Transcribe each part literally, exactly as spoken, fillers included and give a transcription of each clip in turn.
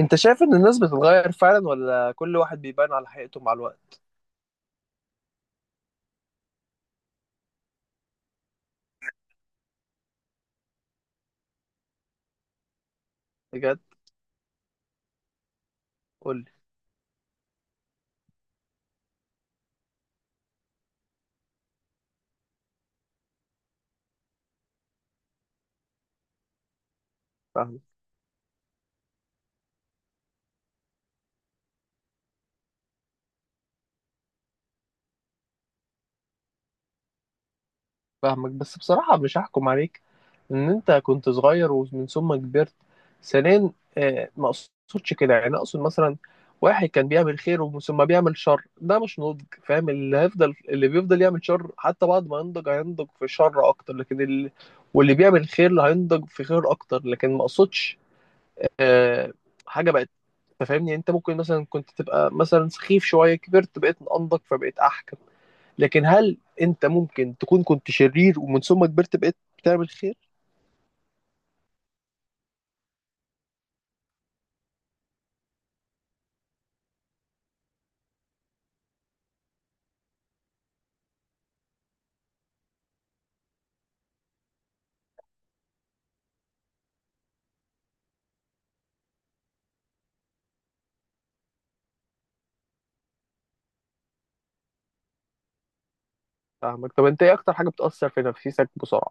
انت شايف ان الناس بتتغير فعلا ولا كل واحد بيبان على حقيقته مع الوقت؟ بجد؟ قولي. فاهمك. فاهمك بس بصراحة مش هحكم عليك ان انت كنت صغير ومن ثم كبرت. ثانيا، آه، ما اقصدش كده، يعني اقصد مثلا واحد كان بيعمل خير ومن ثم بيعمل شر، ده مش نضج. فاهم؟ اللي هيفضل اللي بيفضل يعمل شر حتى بعد ما ينضج هينضج في شر اكتر، لكن اللي واللي بيعمل خير هينضج في خير اكتر. لكن ما اقصدش آه، حاجة بقت. انت فاهمني، يعني انت ممكن مثلا كنت تبقى مثلا سخيف شويه، كبرت بقيت انضج فبقيت احكم، لكن هل انت ممكن تكون كنت شرير ومن ثم كبرت بقيت بتعمل خير؟ فاهمك. طب انت ايه اكتر حاجه بتاثر في نفسيتك بسرعه؟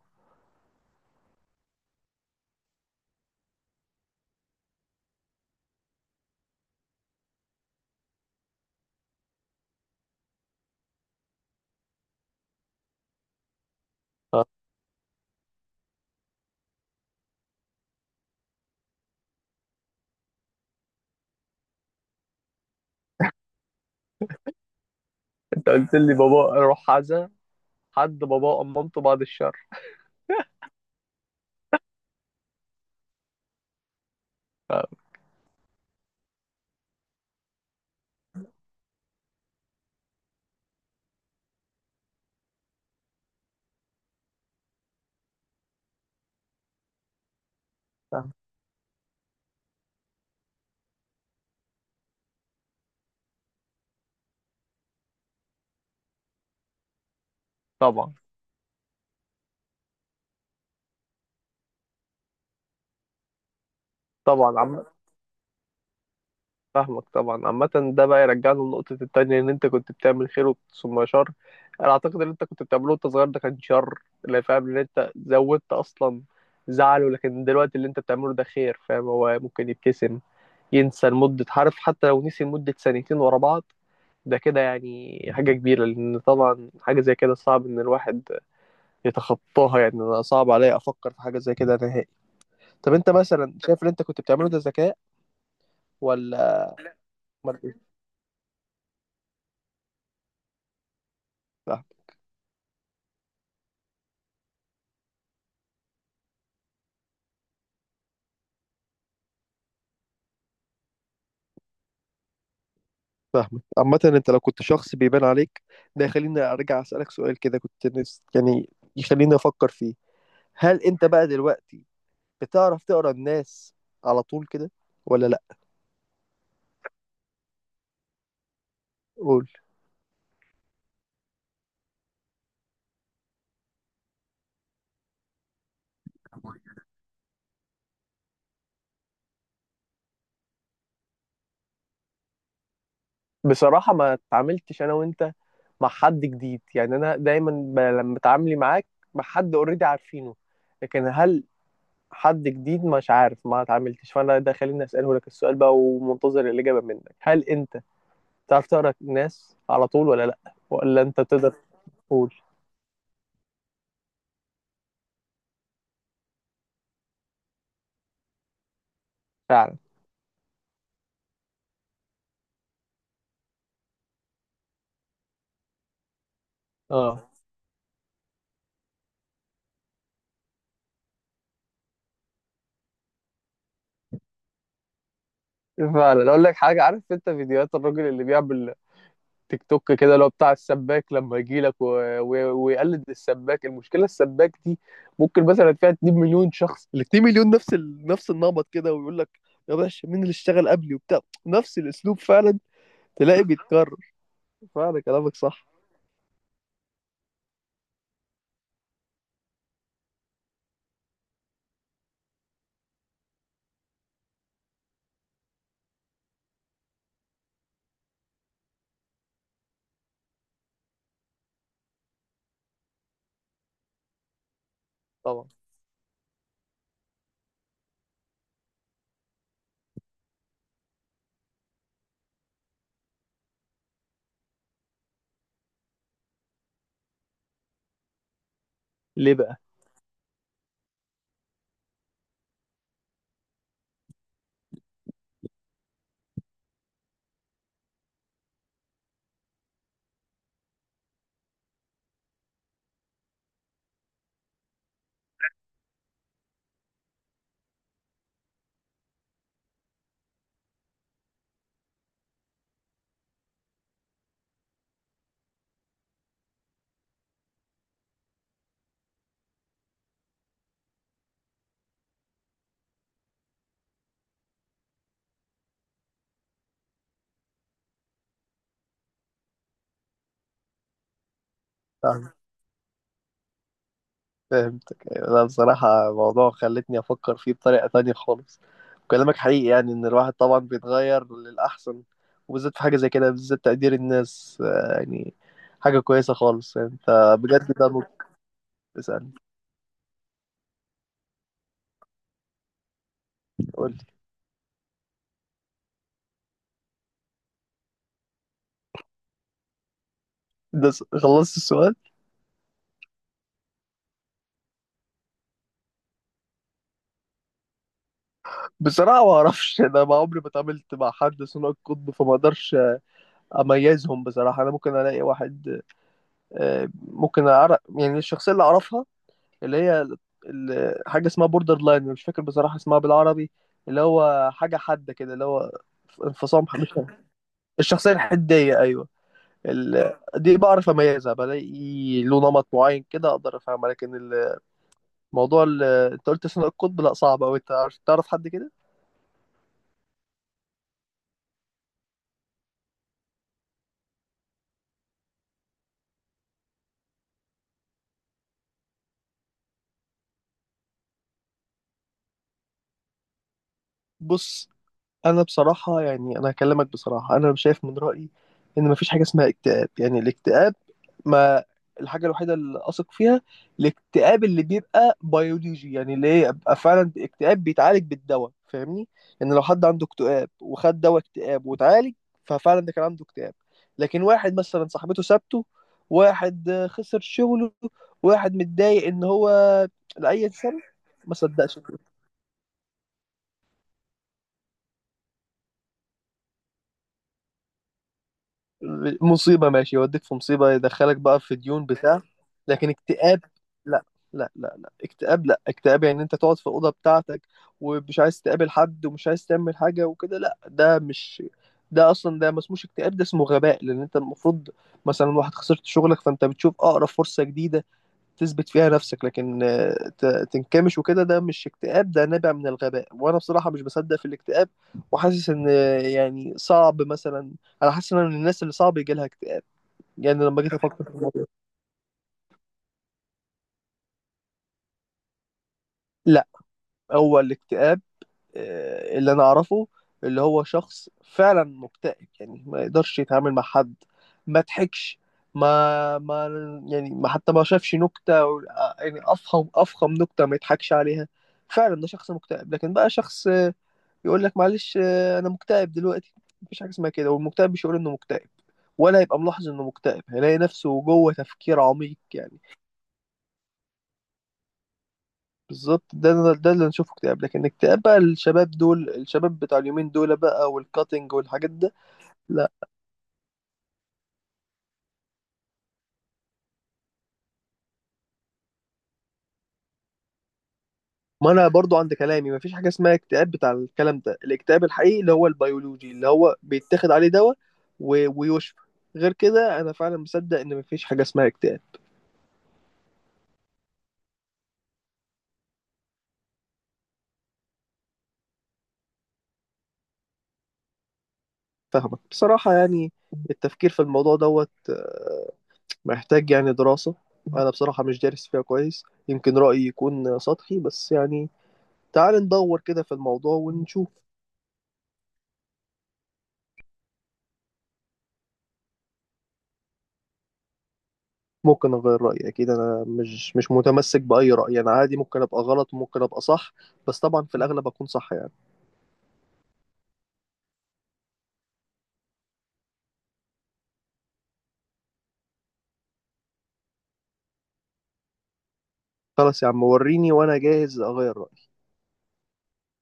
اه، انت قلت لي بابا روح عزا حد، بابا أم مامته، بعد الشر. اه. فاهم. طبعا. طبعا عم، فاهمك. طبعا عامة ده بقى يرجعنا لنقطة التانية، إن أنت كنت بتعمل خير ثم شر. أنا أعتقد إن أنت كنت بتعمله وأنت صغير ده كان شر، اللي فاهم إن أنت زودت أصلا زعله. لكن دلوقتي اللي أنت بتعمله ده خير. فاهم؟ هو ممكن يبتسم، ينسى لمدة، عارف، حتى لو نسي لمدة سنتين ورا بعض ده كده يعني حاجة كبيرة، لأن طبعا حاجة زي كده صعب إن الواحد يتخطاها. يعني أنا صعب عليا أفكر في حاجة زي كده نهائي. طب أنت مثلا شايف اللي أنت كنت بتعمله ده ذكاء ولا؟ أمال إيه؟ فاهمك. عامة انت لو كنت شخص بيبان عليك، ده يخليني ارجع اسألك سؤال كده، كنت نفس، يعني يخليني افكر فيه. هل انت بقى دلوقتي بتعرف تقرا الناس على طول كده ولا لا؟ قول. بصراحة ما اتعاملتش أنا وأنت مع حد جديد. يعني أنا دايما ب- لما اتعاملي معاك مع حد أوريدي عارفينه، لكن هل حد جديد مش عارف، ما اتعاملتش. فأنا ده خليني أسأله لك السؤال بقى، ومنتظر الإجابة منك، هل أنت تعرف تقرأ الناس على طول ولا لأ، ولا أنت تقدر؟ قول. فعلا. اه، فعلا. اقول لك حاجه، عارف انت فيديوهات الراجل اللي بيعمل تيك توك كده اللي هو بتاع السباك لما يجي لك و... و... ويقلد السباك؟ المشكله السباك دي ممكن مثلا فيها اتنين مليون شخص، ال اتنين مليون نفس ال... نفس النمط كده، ويقول لك يا باشا مين اللي اشتغل قبلي وبتاع، نفس الاسلوب فعلا، تلاقي بيتكرر. فعلا كلامك صح. طبعا. ليه بقى؟ فهمتك، أيوة. لا بصراحة موضوع خلتني أفكر فيه بطريقة تانية خالص، وكلامك حقيقي، يعني إن الواحد طبعا بيتغير للأحسن، وبالذات في حاجة زي كده، بالذات تقدير الناس، آه، يعني حاجة كويسة خالص. يعني أنت بجد ده نقطة. اسألني. قول لي. ده س- خلصت السؤال؟ بصراحة ما أعرفش، أنا ما عمري ما اتعاملت مع حد ثنائي القطب، فما أقدرش أميزهم بصراحة. أنا ممكن ألاقي واحد، آه، ممكن أعرف، يعني الشخصية اللي أعرفها اللي هي ال- حاجة اسمها بوردر لاين، مش فاكر بصراحة اسمها بالعربي، اللي هو حاجة حادة كده، اللي هو انفصام، مش؟ الشخصية الحدية، أيوه. ال... دي بعرف أميزها، بلاقي له نمط معين كده أقدر أفهمها، لكن الموضوع اللي أنت قلت ثنائي القطب، لا صعب أوي. أنت عارف، تعرف حد كده؟ بص، انا بصراحه يعني انا هكلمك بصراحه، انا شايف من رايي ان مفيش حاجه اسمها اكتئاب. يعني الاكتئاب، ما، الحاجه الوحيده اللي اثق فيها، الاكتئاب اللي بيبقى بيولوجي، يعني اللي هي يبقى فعلا اكتئاب بيتعالج بالدواء، فاهمني؟ يعني لو حد عنده اكتئاب وخد دواء اكتئاب واتعالج، ففعلا ده كان عنده اكتئاب. لكن واحد مثلا صاحبته سابته، واحد خسر شغله، واحد متضايق ان هو لاي سبب، ما صدقش، مصيبة، ماشي، يوديك في مصيبة، يدخلك بقى في ديون بتاع، لكن اكتئاب لا لا لا لا اكتئاب. لا اكتئاب يعني انت تقعد في الأوضة بتاعتك ومش عايز تقابل حد ومش عايز تعمل حاجة وكده، لا ده مش، ده اصلا ده ما اسموش اكتئاب، ده اسمه غباء. لان انت المفروض مثلا واحد خسرت شغلك، فانت بتشوف اقرب فرصة جديدة تثبت فيها نفسك، لكن آه، ت- تنكمش وكده، ده مش اكتئاب، ده نابع من الغباء. وانا بصراحة مش بصدق في الاكتئاب، وحاسس ان آه، يعني صعب مثلا، انا حاسس ان أنا من الناس اللي صعب يجي لها اكتئاب، يعني لما جيت افكر في الموضوع. لا هو الاكتئاب آه، اللي انا اعرفه اللي هو شخص فعلا مكتئب، يعني ما يقدرش يتعامل مع حد، ما ضحكش، ما ما يعني ما، حتى ما شافش نكتة أو- آه، يعني افخم افخم نكتة ما يضحكش عليها، فعلا ده شخص مكتئب. لكن بقى شخص آه، يقول لك معلش آه، انا مكتئب دلوقتي، مفيش حاجه اسمها كده. والمكتئب مش هيقول انه مكتئب، ولا يبقى ملاحظ انه مكتئب، هيلاقي نفسه جوه تفكير عميق يعني. بالظبط، ده ده اللي نشوفه اكتئاب. لكن اكتئاب بقى الشباب دول، الشباب بتاع اليومين دول بقى، والكاتنج والحاجات ده لا. ما انا برضو عند كلامي، مفيش حاجه اسمها اكتئاب بتاع الكلام ده. الاكتئاب الحقيقي اللي هو البيولوجي اللي هو بيتاخد عليه دواء و- ويشفى، غير كده انا فعلا مصدق ان مفيش حاجه اسمها اكتئاب. فاهمك. بصراحه يعني التفكير في الموضوع دوت، آه، محتاج يعني دراسة، أنا بصراحة مش دارس فيها كويس، يمكن رأيي يكون سطحي بس، يعني تعال ندور كده في الموضوع ونشوف. ممكن أغير رأيي أكيد، أنا مش مش متمسك بأي رأي، أنا عادي ممكن أبقى غلط ممكن أبقى صح، بس طبعا في الأغلب أكون صح يعني. خلاص يا عم وريني وأنا جاهز أغير رأيي.